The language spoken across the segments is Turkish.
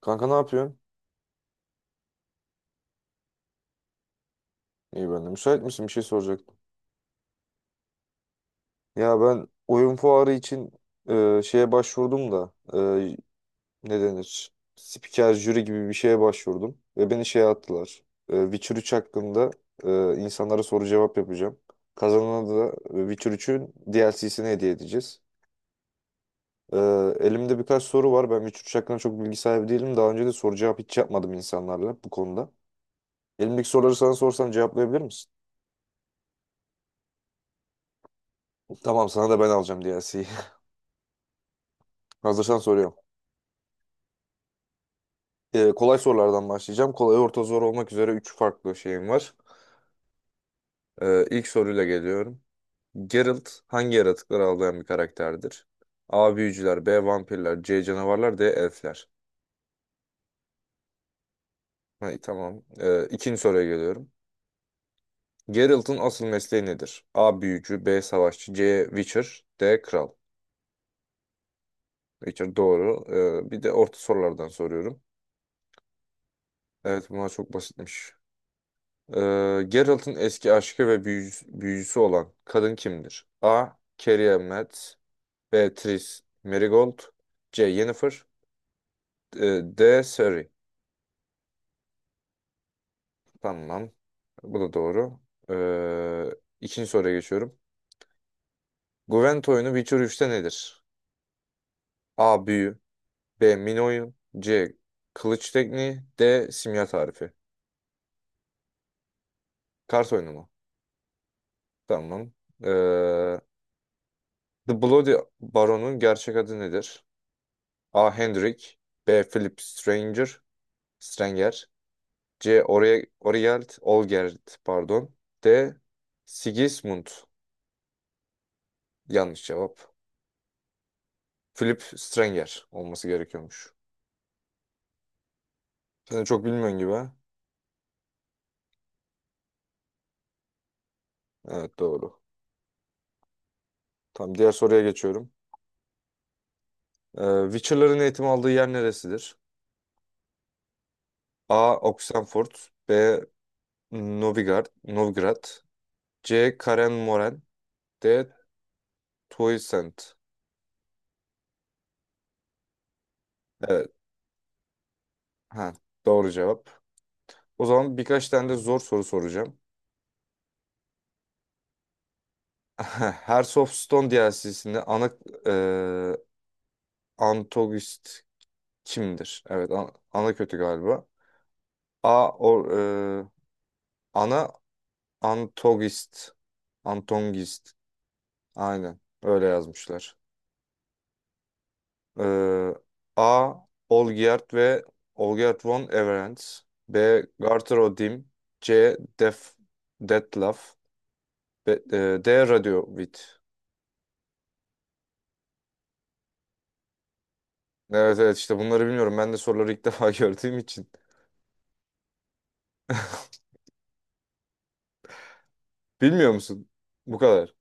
Kanka, ne yapıyorsun? İyi, ben de. Müsait misin? Bir şey soracaktım. Ya, ben oyun fuarı için şeye başvurdum da ne denir? Spiker jüri gibi bir şeye başvurdum. Ve beni şeye attılar. Witcher 3 hakkında insanlara soru cevap yapacağım. Kazanana da Witcher 3'ün DLC'sini hediye edeceğiz. E, Elimde birkaç soru var. Ben Witcher 3 hakkında çok bilgi sahibi değilim. Daha önce de soru cevap hiç yapmadım insanlarla bu konuda. Elimdeki soruları sana sorsam cevaplayabilir misin? Tamam, sana da ben alacağım DLC'yi. Hazırsan soruyorum. Kolay sorulardan başlayacağım. Kolay, orta, zor olmak üzere 3 farklı şeyim var. İlk soruyla geliyorum. Geralt hangi yaratıkları avlayan bir karakterdir? A. Büyücüler, B. Vampirler, C. Canavarlar, D. Elfler. Ha, tamam. İkinci soruya geliyorum. Geralt'ın asıl mesleği nedir? A. Büyücü, B. Savaşçı, C. Witcher, D. Kral. Witcher doğru. Bir de orta sorulardan soruyorum. Evet, bunlar çok basitmiş. Geralt'ın eski aşkı ve büyücüsü olan kadın kimdir? A. Carrie Elmet, Beatrice, Marigold, C. Yennefer, D. Siri. Tamam. Bu da doğru. Ee, ikinci soruya geçiyorum. Gwent oyunu Witcher üçte nedir? A. Büyü, B. Min oyun, C. Kılıç tekniği, D. Simya tarifi. Kart oyunu mu? Tamam. Ee, The Bloody Baron'un gerçek adı nedir? A. Hendrik, B. Philip Stranger Stranger, C. Ori Origeld Olgerd, pardon, D. Sigismund. Yanlış cevap. Philip Strenger olması gerekiyormuş. Sen de çok bilmiyorsun gibi, ha? Evet, doğru. Tamam, diğer soruya geçiyorum. Witcher'ların eğitim aldığı yer neresidir? A. Oxenford, B. Novigrad, Novgorod, C. Karen Moren, D. Toysent. Evet. Ha, doğru cevap. O zaman birkaç tane de zor soru soracağım. Hearts of Stone DLC'sinde ana e, antagonist kimdir? Evet, ana kötü galiba. A. E, ana antogist. Antongist. Aynen. Öyle yazmışlar. Ee, A. Olgierd ve Olgierd von Everens, B. Garter Odim, C. Detlef, D. Radiovid. Evet evet, işte bunları bilmiyorum. Ben de soruları ilk defa gördüğüm için. Bilmiyor musun? Bu kadar.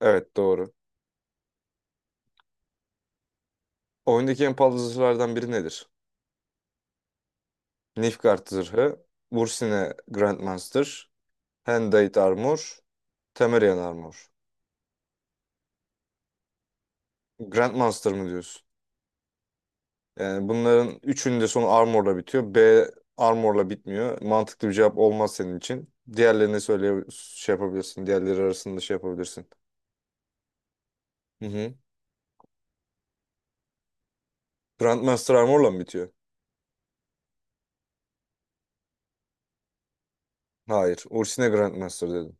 Evet, doğru. Oyundaki en pahalı zırhlardan biri nedir? Nilfgaard zırhı, Bursine Grandmaster, Hendate Armor, Temerian Armor. Grandmaster mı diyorsun? Yani bunların üçünün de sonu Armor'la bitiyor. B Armor'la bitmiyor. Mantıklı bir cevap olmaz senin için. Diğerlerini söyle, şey yapabilirsin. Diğerleri arasında şey yapabilirsin. Hı hı. Grandmaster Armor'la mı bitiyor? Hayır. Ursine Grandmaster dedim.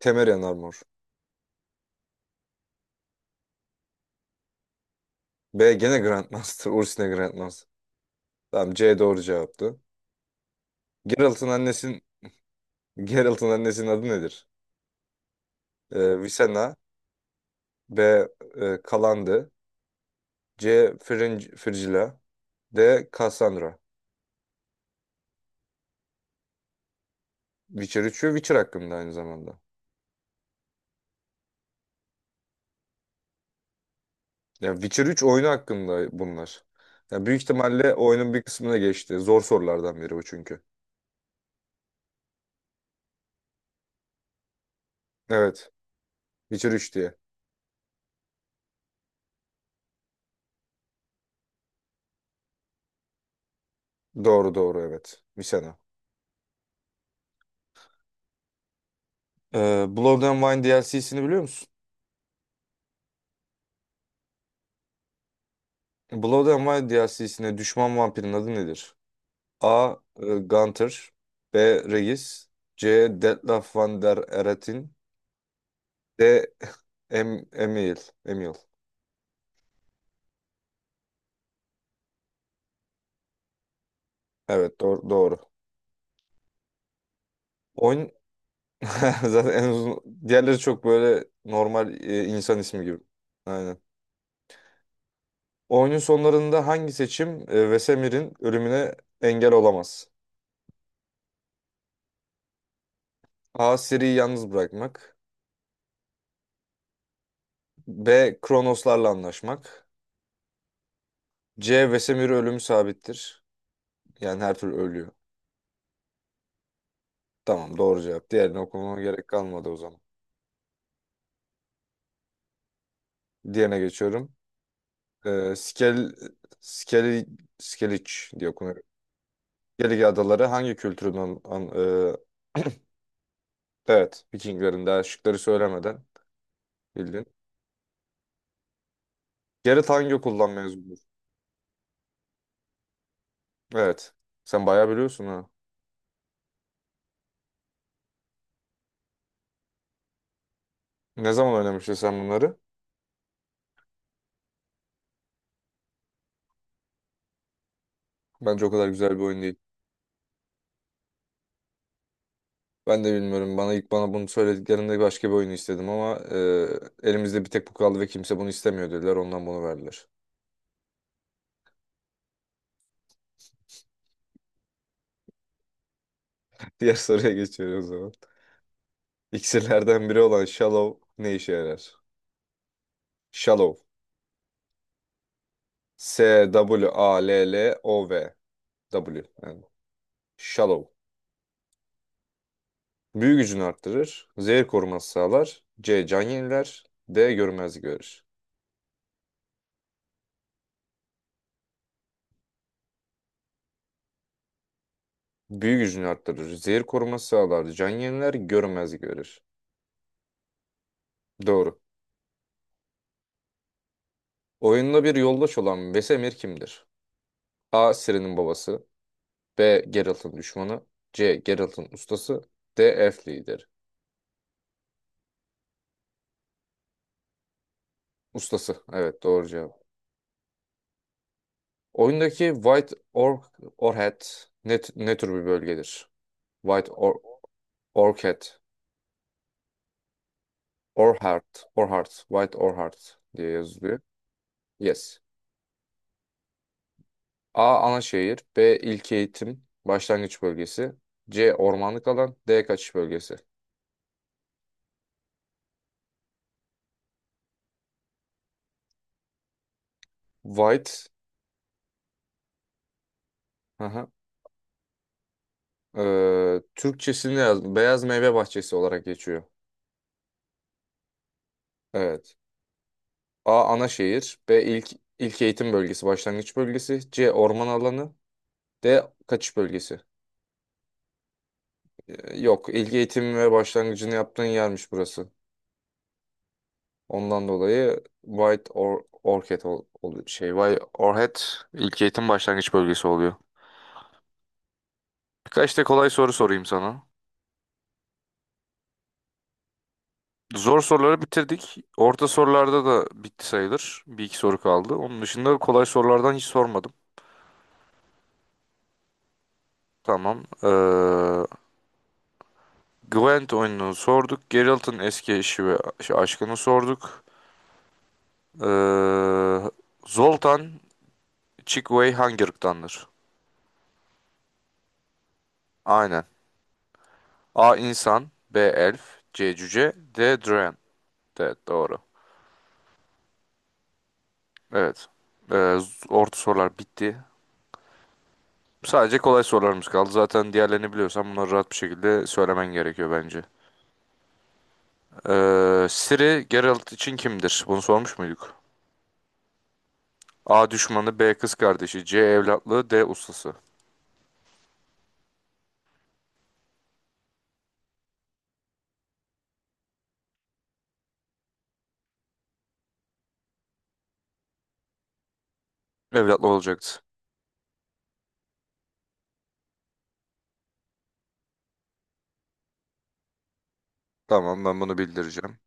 Temerian Armor. B gene Grandmaster. Ursine Grandmaster. Tamam, C doğru cevaptı. Geralt'ın annesinin Geralt'ın annesinin adı nedir? Visenna. B, Kalandi. C. Frigila. D. Cassandra. Witcher 3 ve Witcher hakkında aynı zamanda. Yani Witcher üç oyunu hakkında bunlar. Yani büyük ihtimalle oyunun bir kısmına geçti. Zor sorulardan biri bu çünkü. Evet. Witcher üç diye. Doğru doğru, evet. Misena. Blood and Wine DLC'sini biliyor musun? Blood and Wine DLC'sine düşman vampirin adı nedir? A. Gunther, B. Regis, C. Detlef Van der Eratin, D. Emil. Emil. Evet, doğru, doğru. Oyun zaten en uzun, diğerleri çok böyle normal insan ismi gibi. Aynen. Oyunun sonlarında hangi seçim Vesemir'in ölümüne engel olamaz? A. Ciri'yi yalnız bırakmak. B. Kronoslarla anlaşmak. C. Vesemir'in ölümü sabittir. Yani her türlü ölüyor. Tamam, doğru cevap. Diğerini okumama gerek kalmadı o zaman. Diğerine geçiyorum. E, Skel, Skeli, Skeliç diye okunuyor. Skellige Adaları hangi kültürün evet. Vikinglerin, daha şıkları söylemeden bildin. Gerrit hangi okuldan mezunudur? Evet. Sen bayağı biliyorsun, ha? Ne zaman oynamıştın sen bunları? Bence o kadar güzel bir oyun değil. Ben de bilmiyorum. Bana bunu söylediklerinde başka bir oyun istedim ama elimizde bir tek bu kaldı ve kimse bunu istemiyor dediler. Ondan bunu verdiler. Diğer soruya geçiyoruz o zaman. İksirlerden biri olan Shallow ne işe yarar? Shallow. S-W-A-L-L-O-V. W. A L L O W. W. Yani. Shallow. Büyü gücünü arttırır. Zehir koruması sağlar. C. Can yeniler. D. Görmezlik verir. Büyü gücünü arttırır. Zehir koruması sağlar. Can yeniler. Görmezlik verir. Doğru. Oyunda bir yoldaş olan Vesemir kimdir? A. Ciri'nin babası. B. Geralt'ın düşmanı. C. Geralt'ın ustası. D. Elf lideri. Ustası. Evet, doğru cevap. Oyundaki White Orc Orchid ne tür bir bölgedir? White Or Orchid, Orchard, Orhard, White Orhard diye yazılıyor. Yes. A. Ana şehir. B. İlköğitim. Başlangıç bölgesi. C. Ormanlık alan. D. Kaçış bölgesi. White. Aha. Türkçesini yazdım. Beyaz meyve bahçesi olarak geçiyor. Evet. A. Ana şehir. B. İlk eğitim bölgesi. Başlangıç bölgesi. C. Orman alanı. D. Kaçış bölgesi. Yok. İlk eğitim ve başlangıcını yaptığın yermiş burası. Ondan dolayı White or Orchid, White Orchid ilk eğitim başlangıç bölgesi oluyor. Birkaç da kolay soru sorayım sana. Zor soruları bitirdik. Orta sorularda da bitti sayılır. Bir iki soru kaldı. Onun dışında kolay sorulardan hiç sormadım. Tamam. Gwent oyununu sorduk. Geralt'ın eski eşi ve şey, aşkını sorduk. Ee, Zoltan Chickaway hangi ırktandır? Aynen. A. insan B. Elf, C. Cüce, D. Draen. Evet, doğru. Evet. Orta sorular bitti. Sadece kolay sorularımız kaldı. Zaten diğerlerini biliyorsan bunları rahat bir şekilde söylemen gerekiyor bence. Siri Geralt için kimdir? Bunu sormuş muyduk? A düşmanı, B kız kardeşi, C evlatlığı, D ustası. Evlatlı olacaktı. Tamam, ben bunu bildireceğim.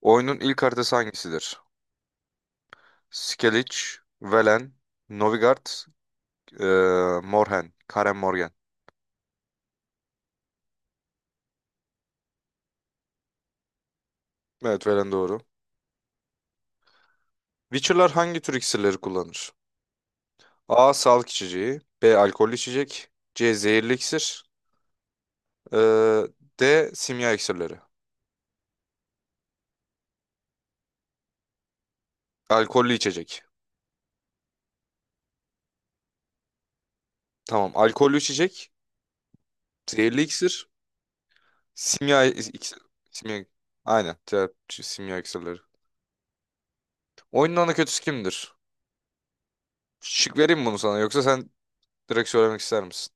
Oyunun ilk haritası hangisidir? Skellige, Velen, Novigrad, ee, Morhen, Karen Morgen. Evet, Velen doğru. Witcher'lar hangi tür iksirleri kullanır? A. Sağlık içeceği. B. Alkollü içecek. C. Zehirli iksir. Ee, D. Simya iksirleri. Alkollü içecek. Tamam. Alkollü içecek. Zehirli iksir. Simya iksir. Simya. Aynen. Cevap simya iksirleri. Oyunun ana kötüsü kimdir? Şık vereyim mi bunu sana, yoksa sen direkt söylemek ister misin?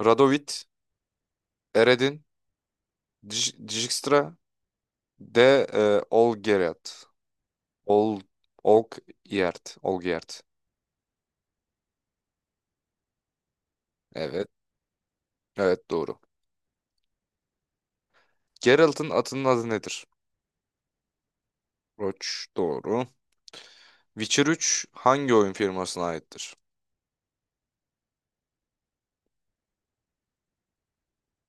Radovit, Eredin, Dijkstra, D. Olgeriat. Ol, Olgierd. Olgierd. Evet. Evet, doğru. Geralt'ın atının adı nedir? Roç doğru. Witcher 3 hangi oyun firmasına aittir?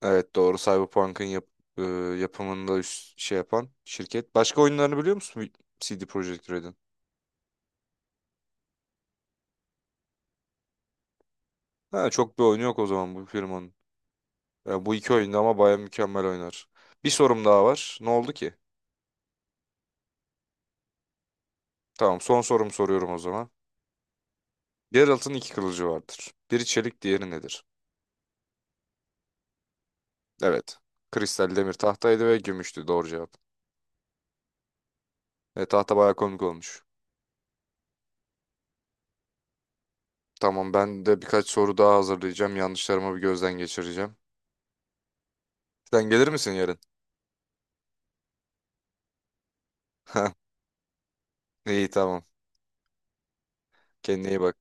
Evet, doğru. Cyberpunk'ın e, yapımında üst şey yapan şirket. Başka oyunlarını biliyor musun CD Projekt Red'in? Ha, çok bir oyunu yok o zaman bu firmanın. Yani bu iki oyunda ama baya mükemmel oynar. Bir sorum daha var. Ne oldu ki? Tamam, son sorum soruyorum o zaman. Geralt'ın iki kılıcı vardır. Biri çelik, diğeri nedir? Evet. Kristal demir tahtaydı ve gümüştü doğru cevap. Tahta baya komik olmuş. Tamam, ben de birkaç soru daha hazırlayacağım. Yanlışlarımı bir gözden geçireceğim. Sen gelir misin yarın? İyi, tamam. Kendine iyi bak.